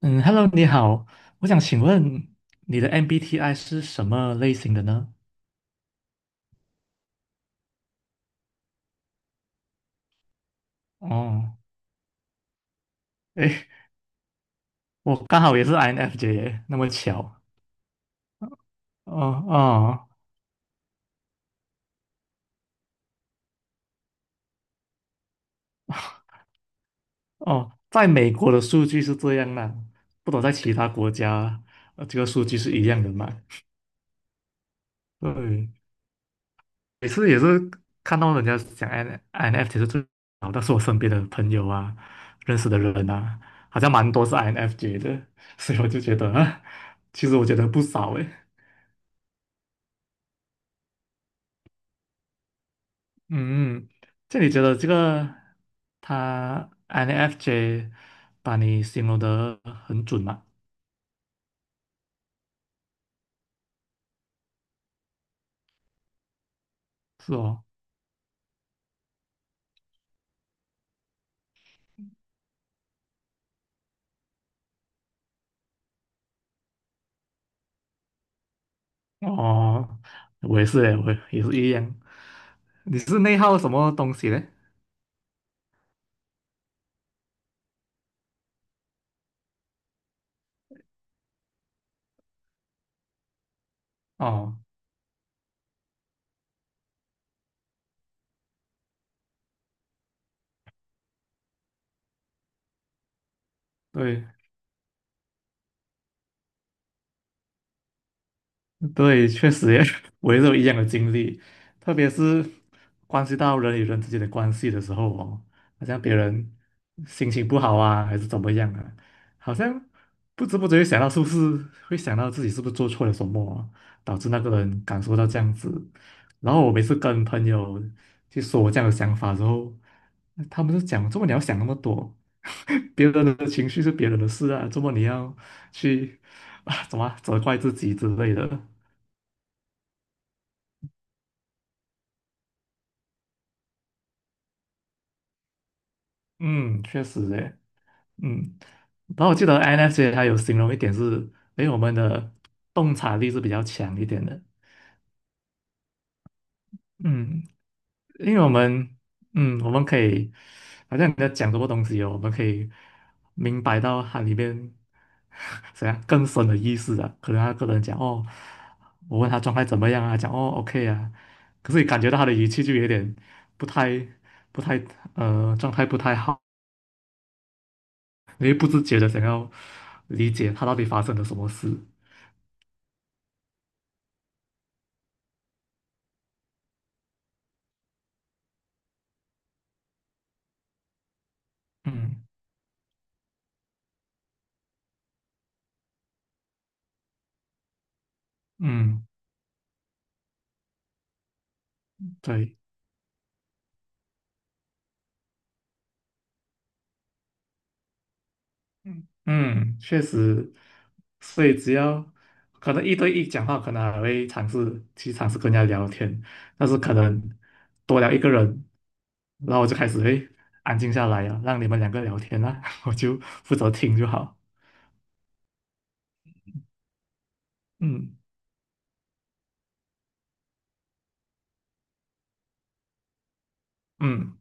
嗯，Hello，你好，我想请问你的 MBTI 是什么类型的呢？哦，诶，我刚好也是 INFJ，那么巧。哦哦哦，在美国的数据是这样啦，不懂在其他国家，这个数据是一样的嘛？对，每次也是看到人家讲 INFJ 是最好，但是我身边的朋友啊，认识的人啊，好像蛮多是 INFJ 的，所以我就觉得，啊，其实我觉得不少诶。嗯，这你觉得这个他 INFJ 把你形容得很准吗？是哦，哦，我也是诶，我也是一样。你是内耗什么东西嘞？哦，对。对，确实也 我也是有一样的经历，特别是关系到人与人之间的关系的时候哦，好像别人心情不好啊，还是怎么样啊，好像不知不觉想到是不是会想到自己是不是做错了什么啊导致那个人感受到这样子。然后我每次跟朋友去说我这样的想法之后，他们就讲：“怎么你要想那么多？别人的情绪是别人的事啊，怎么你要去 啊怎么啊责怪自己之类的？”嗯，确实诶，嗯，然后我记得 n f c 它有形容一点是，诶，我们的洞察力是比较强一点的，嗯，因为我们，嗯，我们可以，好像你在讲什么东西哦，我们可以明白到它里面 怎样更深的意思啊，可能他个人讲哦，我问他状态怎么样啊，讲哦 OK 啊，可是你感觉到他的语气就有点不太不太状态不太好。你会不自觉的想要理解他到底发生了什么事。嗯嗯，对，嗯，确实，所以只要可能一对一讲话，可能还会尝试去尝试跟人家聊天，但是可能多聊一个人，然后我就开始会安静下来啊，让你们两个聊天啊，我就负责听就好。嗯嗯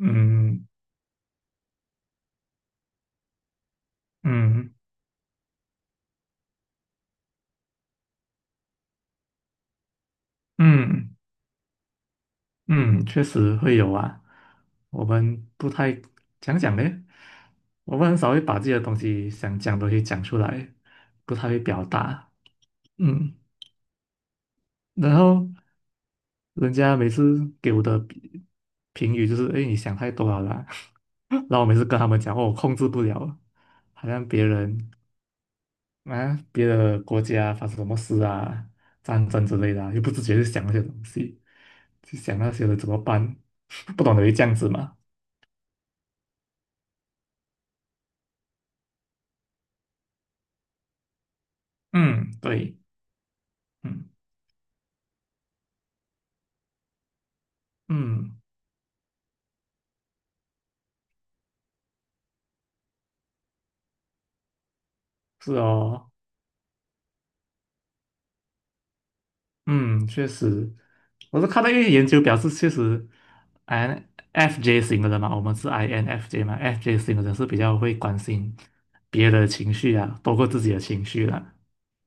嗯嗯嗯。嗯，确实会有啊。我们不太讲讲呢，我们很少会把自己的东西想讲的东西讲出来，不太会表达。嗯，然后人家每次给我的评语就是：哎，你想太多了啦。然后我每次跟他们讲，哦，我控制不了，好像别人啊，别的国家发生什么事啊，战争之类的啊又不自觉去想那些东西，去想那些人怎么办，不懂得会这样子嘛。嗯，对，嗯嗯，是哦，嗯，确实，我是看到一些研究表示，确实，INFJ 型的人嘛，我们是 INFJ 嘛，FJ 型的人是比较会关心别人的情绪啊，包括自己的情绪啦、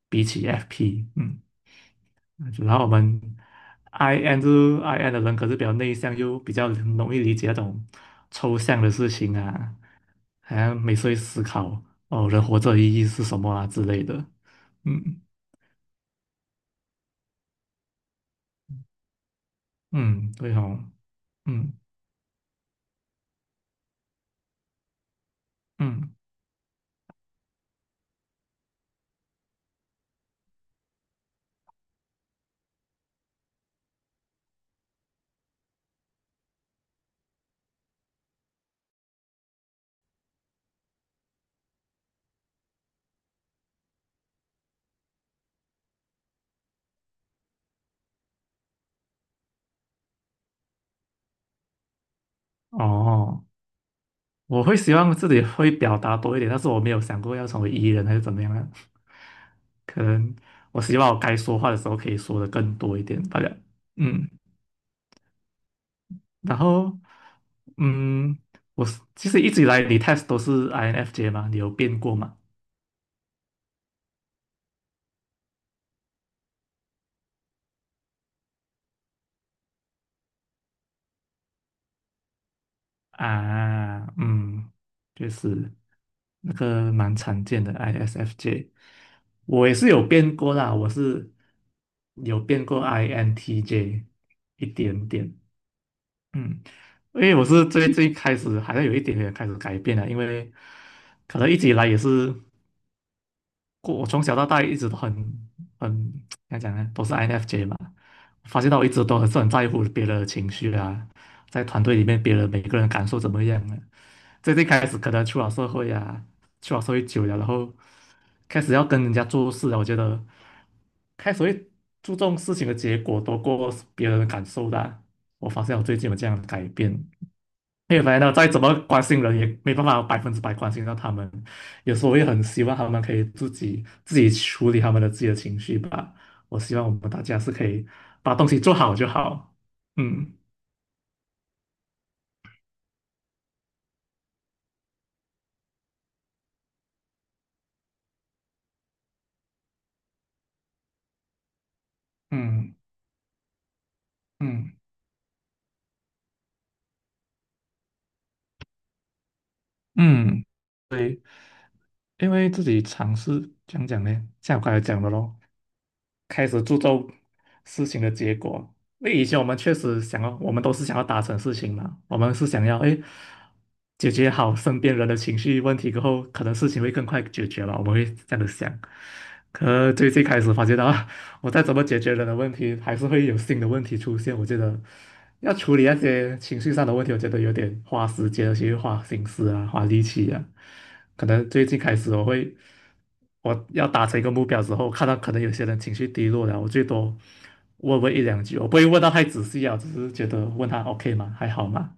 比起 FP，嗯。然后我们 IN 的人，可是比较内向，又比较容易理解那种抽象的事情啊，好像每次会思考哦，人活着的意义是什么啊之类的。嗯嗯，对哦，嗯嗯，哦，我会希望自己会表达多一点，但是我没有想过要成为 E 人还是怎么样啊，可能我希望我该说话的时候可以说的更多一点，大家嗯，然后。嗯，我是其实一直以来你 test 都是 INFJ 嘛，你有变过吗？啊，嗯，就是那个蛮常见的 ISFJ，我也是有变过啦，我是有变过 INTJ 一点点，嗯，因为我是最最开始好像有一点点开始改变了，因为可能一直以来也是。过我从小到大一直都很怎么讲呢，都是 INFJ 嘛。发现到我一直都很是很在乎别人的情绪啊，在团队里面别人每个人感受怎么样啊。最近开始可能出了社会啊，出了社会久了，然后开始要跟人家做事了，我觉得开始会注重事情的结果多过别人的感受的啊我发现我最近有这样的改变，因为反正再怎么关心人，也没办法百分之百关心到他们。有时候我也很希望他们可以自己处理他们的自己的情绪吧。我希望我们大家是可以把东西做好就好。嗯嗯嗯嗯，因为自己尝试讲讲呢，像我刚才讲的咯，开始注重事情的结果。因为以前我们确实想要，我们都是想要达成事情嘛，我们是想要哎解决好身边人的情绪问题过后，可能事情会更快解决了。我们会这样的想。可最最开始发觉到，我再怎么解决人的问题，还是会有新的问题出现。我觉得要处理那些情绪上的问题，我觉得有点花时间，而且又花心思啊，花力气啊。可能最近开始我会。我要达成一个目标之后，看到可能有些人情绪低落了，我最多问一两句，我不会问到太仔细啊，只是觉得问他 OK 吗？还好吗？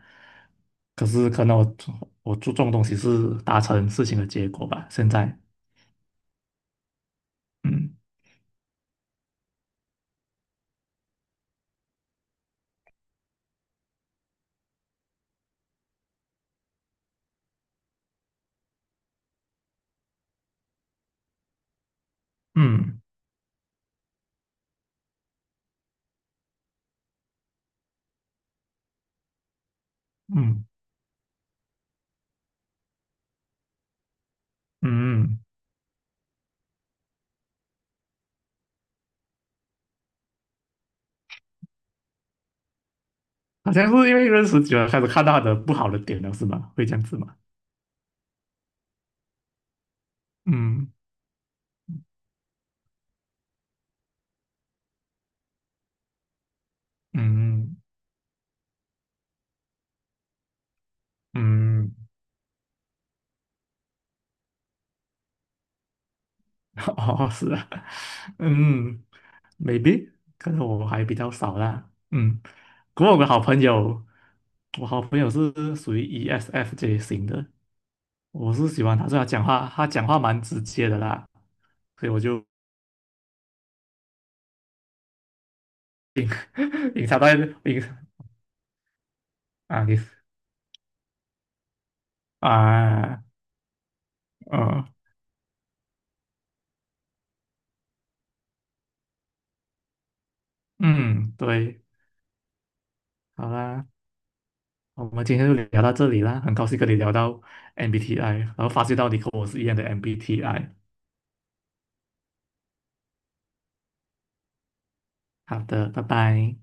可是可能我注重的东西是达成事情的结果吧。现在，嗯嗯嗯嗯，嗯，好像是因为认识久了，开始看到他的不好的点了，是吗？会这样子吗？嗯嗯。 哦，是啊，嗯，maybe，可能我还比较少啦，嗯，不过我的好朋友，我好朋友是属于 ESFJ 型的，我是喜欢他，所以他讲话，他讲话蛮直接的啦，所以我就 隐藏在隐啊，你啊，嗯嗯，对，好啦，我们今天就聊到这里啦，很高兴跟你聊到 MBTI，然后发现到你跟我是一样的 MBTI，好的，拜拜。